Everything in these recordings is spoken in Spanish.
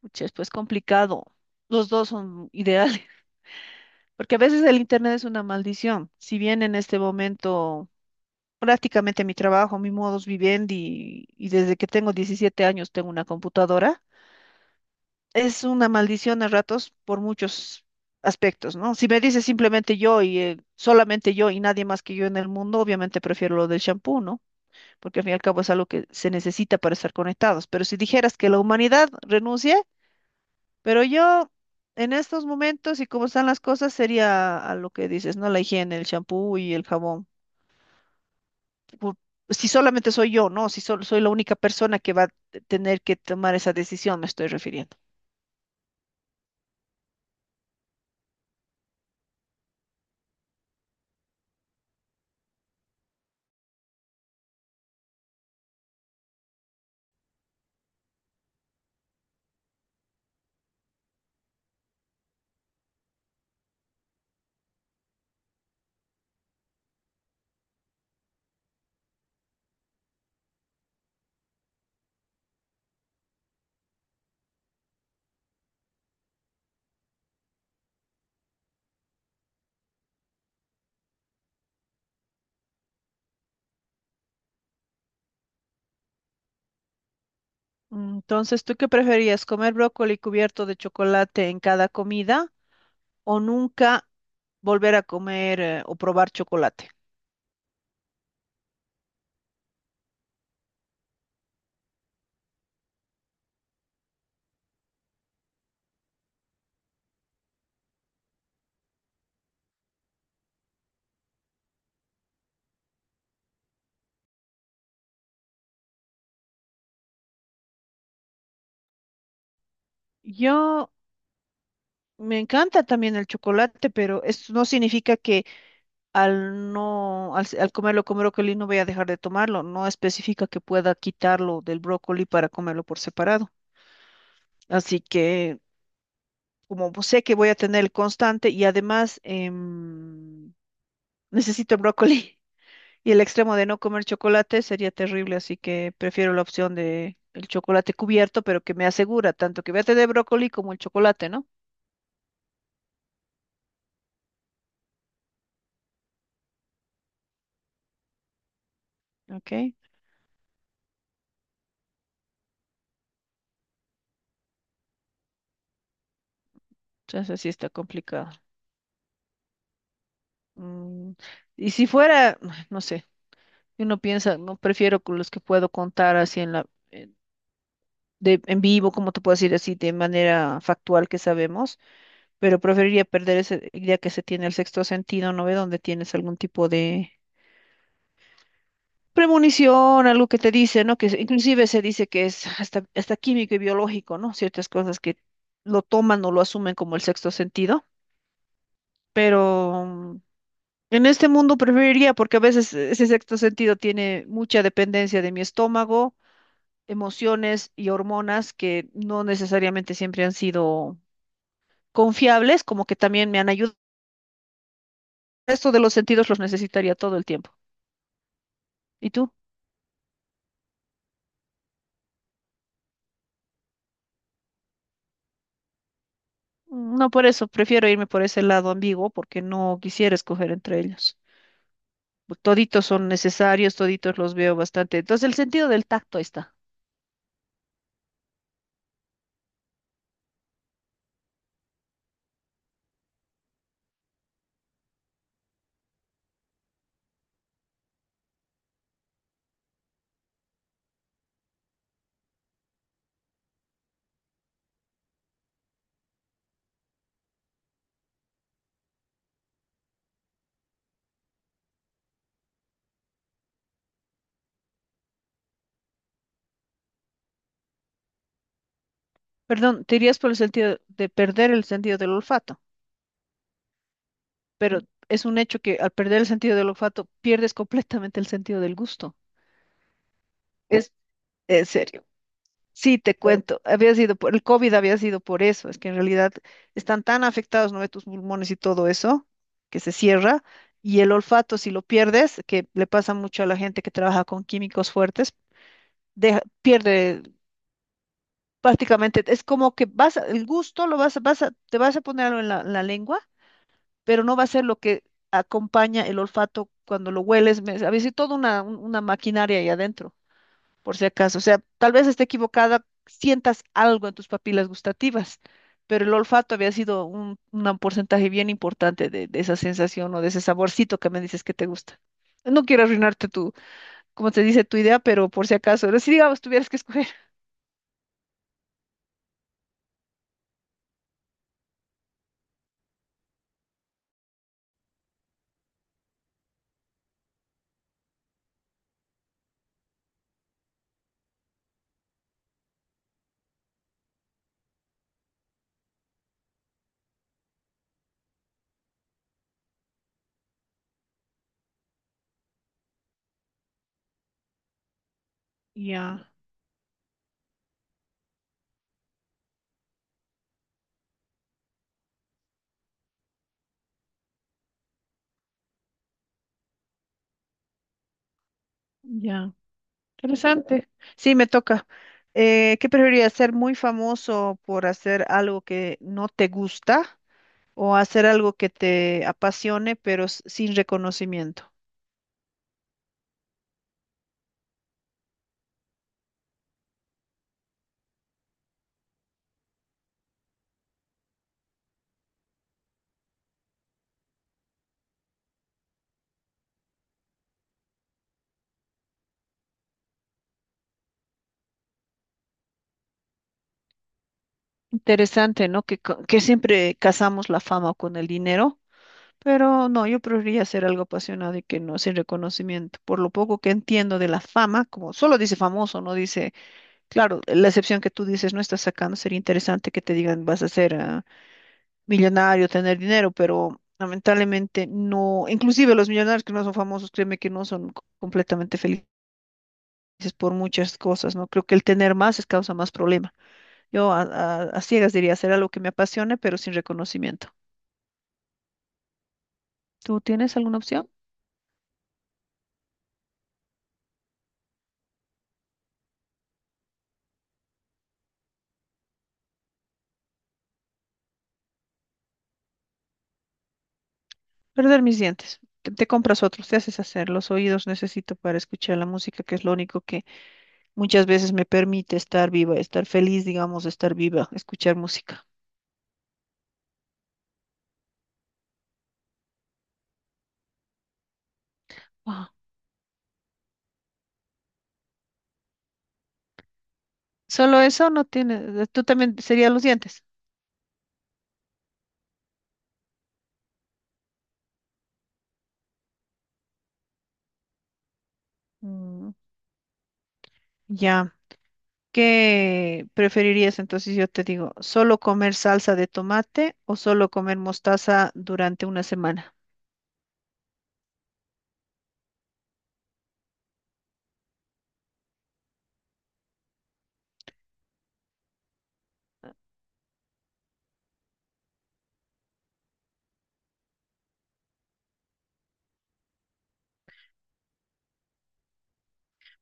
Pucha, es pues complicado. Los dos son ideales, porque a veces el Internet es una maldición. Si bien en este momento prácticamente mi trabajo, mi modus vivendi, y desde que tengo 17 años tengo una computadora, es una maldición a ratos por muchos aspectos, ¿no? Si me dices simplemente yo y solamente yo y nadie más que yo en el mundo, obviamente prefiero lo del champú, ¿no? Porque al fin y al cabo es algo que se necesita para estar conectados. Pero si dijeras que la humanidad renuncia, pero yo, en estos momentos y como están las cosas, sería a lo que dices, ¿no? La higiene, el champú y el jabón. Pu- Si solamente soy yo, ¿no? Si solo soy la única persona que va a tener que tomar esa decisión, me estoy refiriendo. Entonces, ¿tú qué preferías? ¿Comer brócoli cubierto de chocolate en cada comida o nunca volver a comer o probar chocolate? Yo me encanta también el chocolate, pero esto no significa que al comerlo con brócoli no voy a dejar de tomarlo. No especifica que pueda quitarlo del brócoli para comerlo por separado. Así que como pues, sé que voy a tener el constante y además necesito brócoli y el extremo de no comer chocolate sería terrible, así que prefiero la opción de el chocolate cubierto, pero que me asegura tanto que voy a tener brócoli como el chocolate, ¿no? Ok, entonces sí está complicado. Mm, y si fuera, no sé, uno piensa, no prefiero con los que puedo contar así en la en- en vivo, como te puedo decir así de manera factual que sabemos. Pero preferiría perder ese, día que se tiene el sexto sentido, ¿no ve? Donde tienes algún tipo de premonición, algo que te dice, ¿no? Inclusive se dice que es hasta químico y biológico, ¿no? Ciertas cosas que lo toman o lo asumen como el sexto sentido, pero en este mundo preferiría, porque a veces ese sexto sentido tiene mucha dependencia de mi estómago, emociones y hormonas que no necesariamente siempre han sido confiables, como que también me han ayudado. Esto de los sentidos los necesitaría todo el tiempo. ¿Y tú? No, por eso prefiero irme por ese lado ambiguo porque no quisiera escoger entre ellos. Toditos son necesarios, toditos los veo bastante. Entonces, el sentido del tacto ahí está. Perdón, te irías por el sentido de perder el sentido del olfato, pero es un hecho que al perder el sentido del olfato pierdes completamente el sentido del gusto. Es en serio. Sí, te cuento, había sido por el COVID, había sido por eso, es que en realidad están tan afectados, ¿no? Tus pulmones y todo eso, que se cierra, y el olfato, si lo pierdes, que le pasa mucho a la gente que trabaja con químicos fuertes, pierde prácticamente, es como que vas, el gusto lo vas, te vas a poner algo en la lengua, pero no va a ser lo que acompaña el olfato cuando lo hueles, había sido toda una maquinaria ahí adentro por si acaso. O sea, tal vez esté equivocada, sientas algo en tus papilas gustativas, pero el olfato había sido un porcentaje bien importante de esa sensación o de ese saborcito que me dices que te gusta. No quiero arruinarte tu, como te dice, tu idea, pero por si acaso, pero si digamos tuvieras que escoger. Ya, ya. Interesante. Sí, me toca. ¿Qué preferirías? ¿Ser muy famoso por hacer algo que no te gusta? ¿O hacer algo que te apasione, pero sin reconocimiento? Interesante, ¿no? Que siempre casamos la fama con el dinero, pero no, yo preferiría hacer algo apasionado y que no sin reconocimiento. Por lo poco que entiendo de la fama, como solo dice famoso, no dice, claro, la excepción que tú dices no estás sacando, sería interesante que te digan vas a ser millonario, tener dinero, pero lamentablemente no, inclusive los millonarios que no son famosos, créeme que no son completamente felices por muchas cosas, ¿no? Creo que el tener más es causa más problema. Yo a ciegas diría hacer algo que me apasione, pero sin reconocimiento. ¿Tú tienes alguna opción? Perder mis dientes. Te compras otros, te haces hacer. Los oídos necesito para escuchar la música, que es lo único que muchas veces me permite estar viva, estar feliz, digamos, estar viva, escuchar música. Wow. Solo eso no tiene, tú también sería los dientes. Mm, ya. ¿Qué preferirías entonces? Yo te digo, ¿solo comer salsa de tomate o solo comer mostaza durante una semana?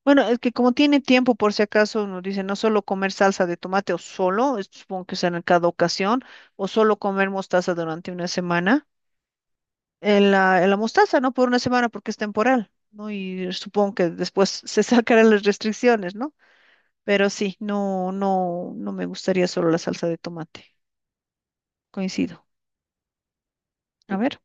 Bueno, es que como tiene tiempo, por si acaso, uno dice no solo comer salsa de tomate o solo, supongo que será en cada ocasión, o solo comer mostaza durante una semana. En la mostaza, ¿no? Por una semana porque es temporal, ¿no? Y supongo que después se sacarán las restricciones, ¿no? Pero sí, no me gustaría solo la salsa de tomate. Coincido. A ver.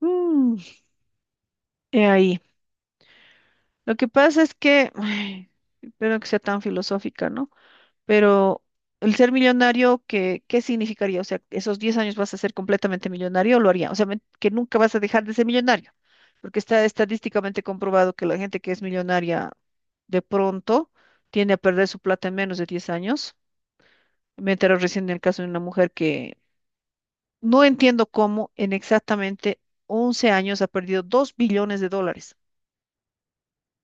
Mm, he ahí. Lo que pasa es que, ay, espero que sea tan filosófica, ¿no? Pero el ser millonario, qué significaría? O sea, ¿esos 10 años vas a ser completamente millonario o lo haría? O sea, que nunca vas a dejar de ser millonario, porque está estadísticamente comprobado que la gente que es millonaria de pronto tiende a perder su plata en menos de 10 años. Me enteré recién del caso de una mujer que no entiendo cómo en exactamente 11 años ha perdido 2 billones de dólares.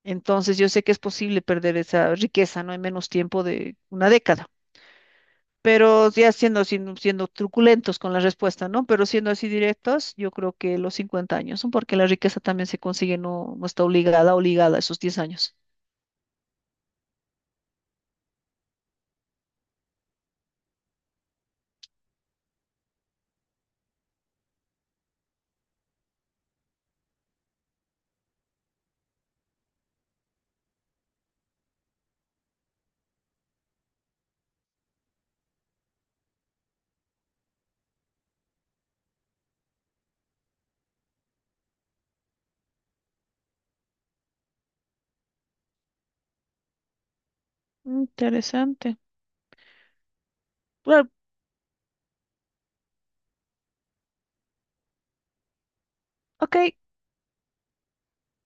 Entonces, yo sé que es posible perder esa riqueza, ¿no? En menos tiempo de una década. Pero ya siendo truculentos con la respuesta, ¿no? Pero siendo así directos, yo creo que los 50 años, ¿no? Porque la riqueza también se consigue, no está obligada a esos 10 años. Interesante. Bueno, ok,